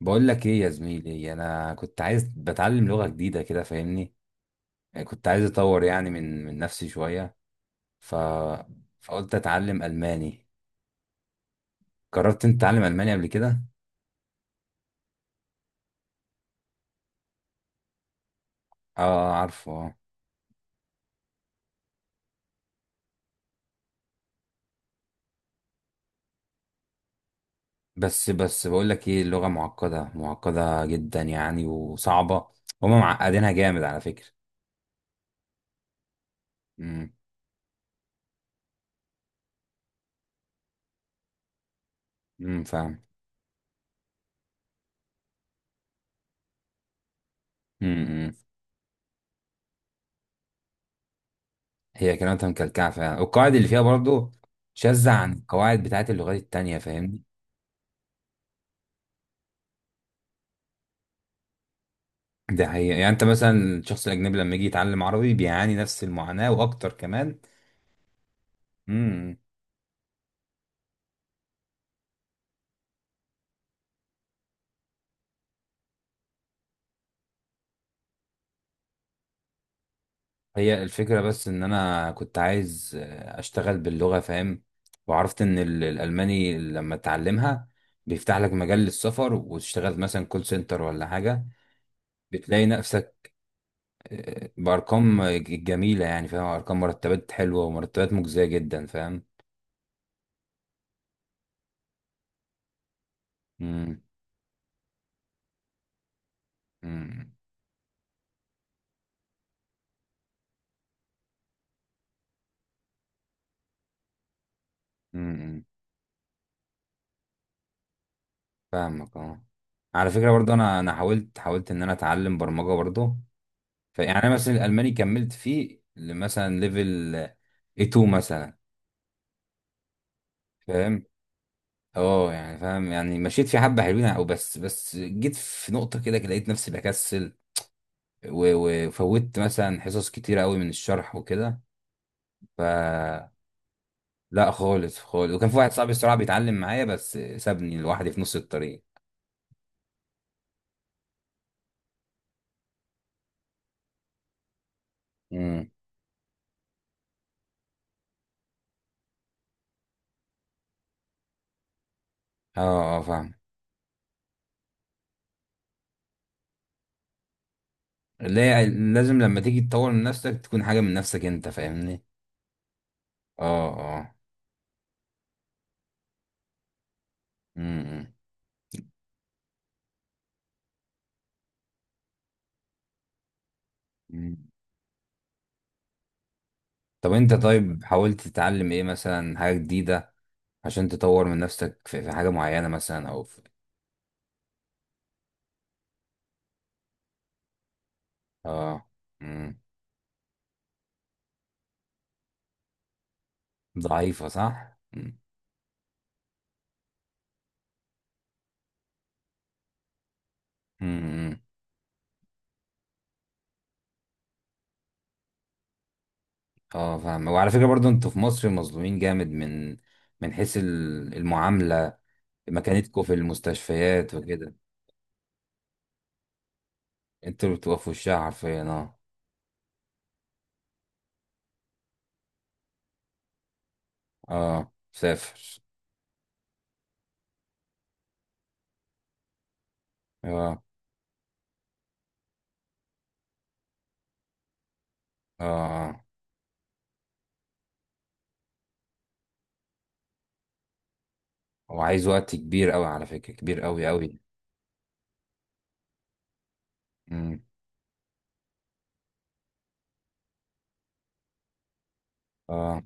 بقول لك ايه يا زميلي؟ انا كنت عايز بتعلم لغة جديدة كده فاهمني. كنت عايز اطور يعني من نفسي شوية. ف... فقلت اتعلم الماني. جربت انت تتعلم الماني قبل كده؟ اه، آه، عارفه، آه. بس بقول لك ايه، اللغة معقدة معقدة جدا يعني وصعبة. هما معقدينها جامد على فكرة. امم. امم. فاهم. امم. هي كلماتها مكلكعة فعلا، والقواعد اللي فيها برضو شاذة عن القواعد بتاعت اللغات التانية فاهمني. ده حقيقة، يعني انت مثلا الشخص الاجنبي لما يجي يتعلم عربي بيعاني نفس المعاناة واكتر كمان. امم. هي الفكرة بس ان انا كنت عايز، اشتغل باللغة فاهم. وعرفت ان الالماني لما تتعلمها بيفتح لك مجال للسفر، وتشتغل مثلا كول سنتر ولا حاجة. بتلاقي نفسك، بارقام جميلة يعني، فاهم، ارقام مرتبات حلوة ومرتبات مجزية جدا فاهم. امم. امم. فاهمك، اه. على فكرة برضه، انا حاولت ان انا اتعلم برمجة برضه. فيعني انا مثلا الالماني كملت فيه مثلا ليفل A2 مثلا، فاهم. اه يعني فاهم، يعني مشيت في حبة حلوين، او بس جيت في نقطة كده كده لقيت نفسي بكسل. وفوتت مثلا حصص كتيرة قوي من الشرح وكده. ف لا، خالص خالص، وكان في واحد صاحبي الصراحة بيتعلم معايا بس سابني لوحدي في نص الطريق. امم. اه، اه، فاهم. لا، لازم لما تيجي تطور من نفسك تكون حاجة من نفسك انت فاهمني. اه، اه. امم. امم. طب انت، طيب حاولت تتعلم ايه مثلا، حاجة جديدة عشان تطور من نفسك في، في حاجة معينة مثلا او في؟ اه. امم. ضعيفة صح. امم. امم. اه، فاهم. وعلى فكرة برضو انتوا في مصر مظلومين جامد من حيث المعاملة، مكانتكم في المستشفيات وكده. انتوا اللي بتبقوا في وشها حرفيا، اه. اه، سافر. اه، اه، آه. هو عايز وقت كبير قوي على فكرة، كبير قوي قوي. امم. اه،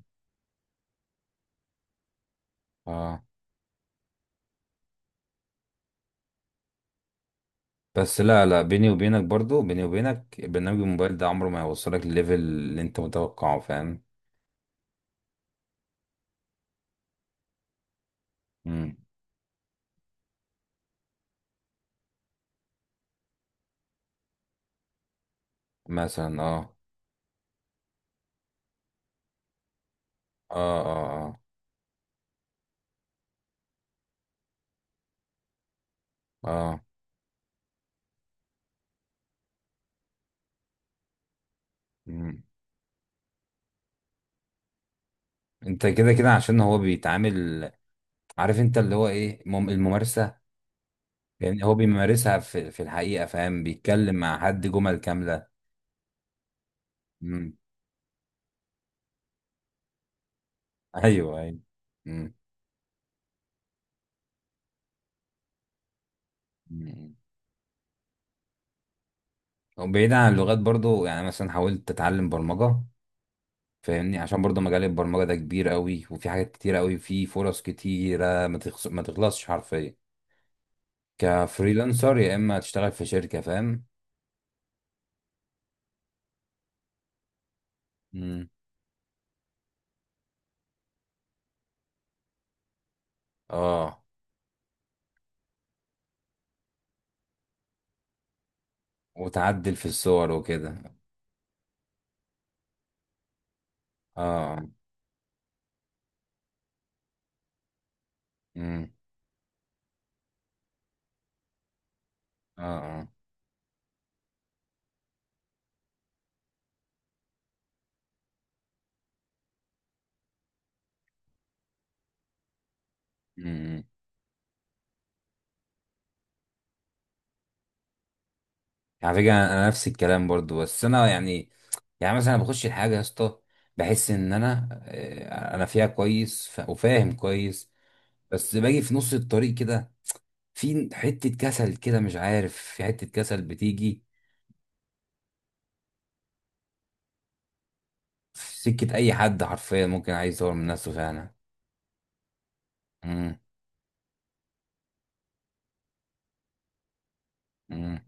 اه، بس لا، لا، بيني وبينك برضو، بيني وبينك، برنامج الموبايل ده عمره ما هيوصلك لليفل اللي انت متوقعه، فاهم. امم. مثلا اه. اه. اه. اه، آه. مم. انت كده كده عشان هو بيتعامل، عارف انت اللي هو ايه، الممارسة. يعني هو بيمارسها في، في الحقيقة، فاهم، بيتكلم مع حد جمل كاملة. مم. ايوه، ايوه. مم. امم. وبعيد عن اللغات برضو، يعني مثلا حاولت اتعلم برمجة فاهمني، عشان برضه مجال البرمجة ده كبير قوي، وفي حاجات كتير قوي، في فرص كتيرة ما تخص... ما تخلصش حرفيا، كفريلانسر يا اما تشتغل في شركة، فاهم. امم. اه. وتعدل في الصور وكده. اه. امم. اه. اه. امم. على فكرة انا، نفس الكلام برضه، بس انا يعني، يعني مثلا بخش الحاجة يا اسطى، بحس ان انا، انا فيها كويس، وفاهم كويس. بس باجي في نص الطريق كده، في حتة كسل كده، مش عارف، في حتة كسل بتيجي. في سكة أي حد حرفيا ممكن عايز يطور من نفسه فعلا. مم. مم.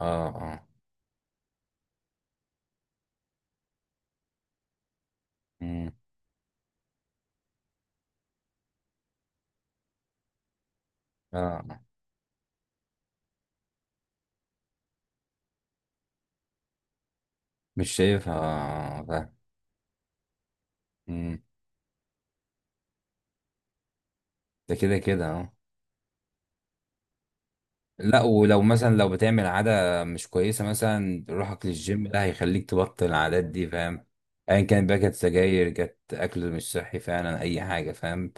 اه، اه. مم. اه، آه. مش شايفها، آه، فاهم. مم. ده كده كده، اه. لا، ولو مثلا لو بتعمل عادة مش كويسة، مثلا روحك للجيم ده هيخليك تبطل العادات دي، فاهم. أيا كان بقى، كانت سجاير، كانت أكل مش صحي، فعلا أي حاجة، فاهم.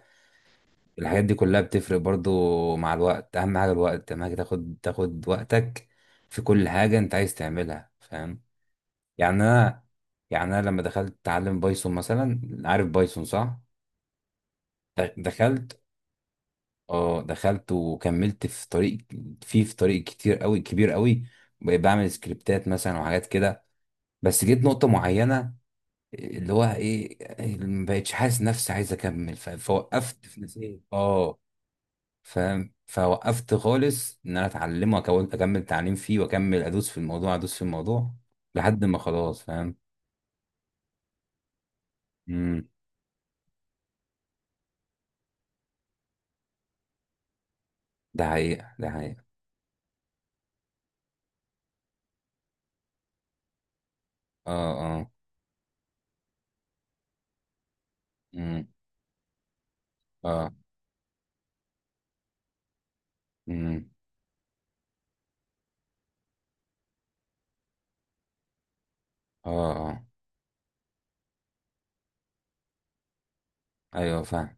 الحاجات دي كلها بتفرق برضو مع الوقت، أهم حاجة الوقت، أهم حاجة تاخد وقتك في كل حاجة أنت عايز تعملها، فاهم. يعني انا، لما دخلت اتعلم بايثون مثلا، عارف بايثون صح؟ دخلت، اه، دخلت وكملت في طريق. فيه في طريق كتير قوي، كبير قوي. بقيت بعمل سكريبتات مثلا وحاجات كده. بس جيت نقطة معينة، اللي هو ايه، ما بقتش حاسس نفسي عايز اكمل. فوقفت في نفسي، اه، فاهم. فوقفت خالص ان انا اتعلمه، اكمل تعليم فيه واكمل ادوس في الموضوع، ادوس في الموضوع لحد ما خلاص، فاهم. امم. ده حقيقة، ده حقيقة. اه. اه. امم. اه. امم. اه، اه. ايوه، فاهم.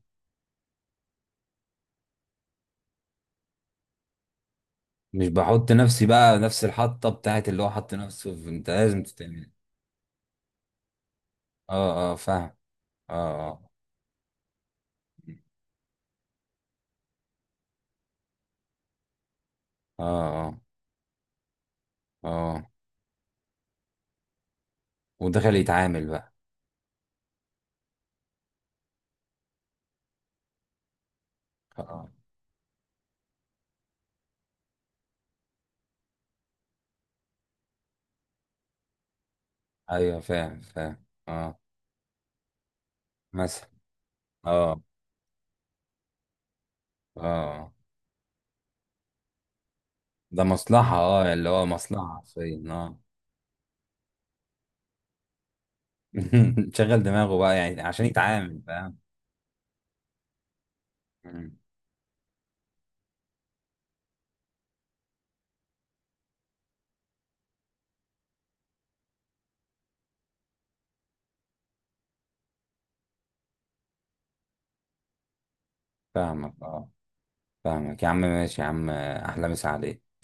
مش بحط نفسي بقى نفس الحطه بتاعت اللي هو حط نفسه في، انت لازم تتعمل. اه، اه، فاهم. اه، اه. اه، اه، اه. ودخل يتعامل بقى. اه، اه. ايوه، فاهم، فاهم، اه. مثلا. اه، اه، آه. ده مصلحه، اه، اللي هو مصلحه حرفيا، اه. شغل دماغه بقى يعني عشان يتعامل، فاهم. مم. فاهمك، اه. فاهمك يا عم، ماشي يا عم، احلى مسا عليك.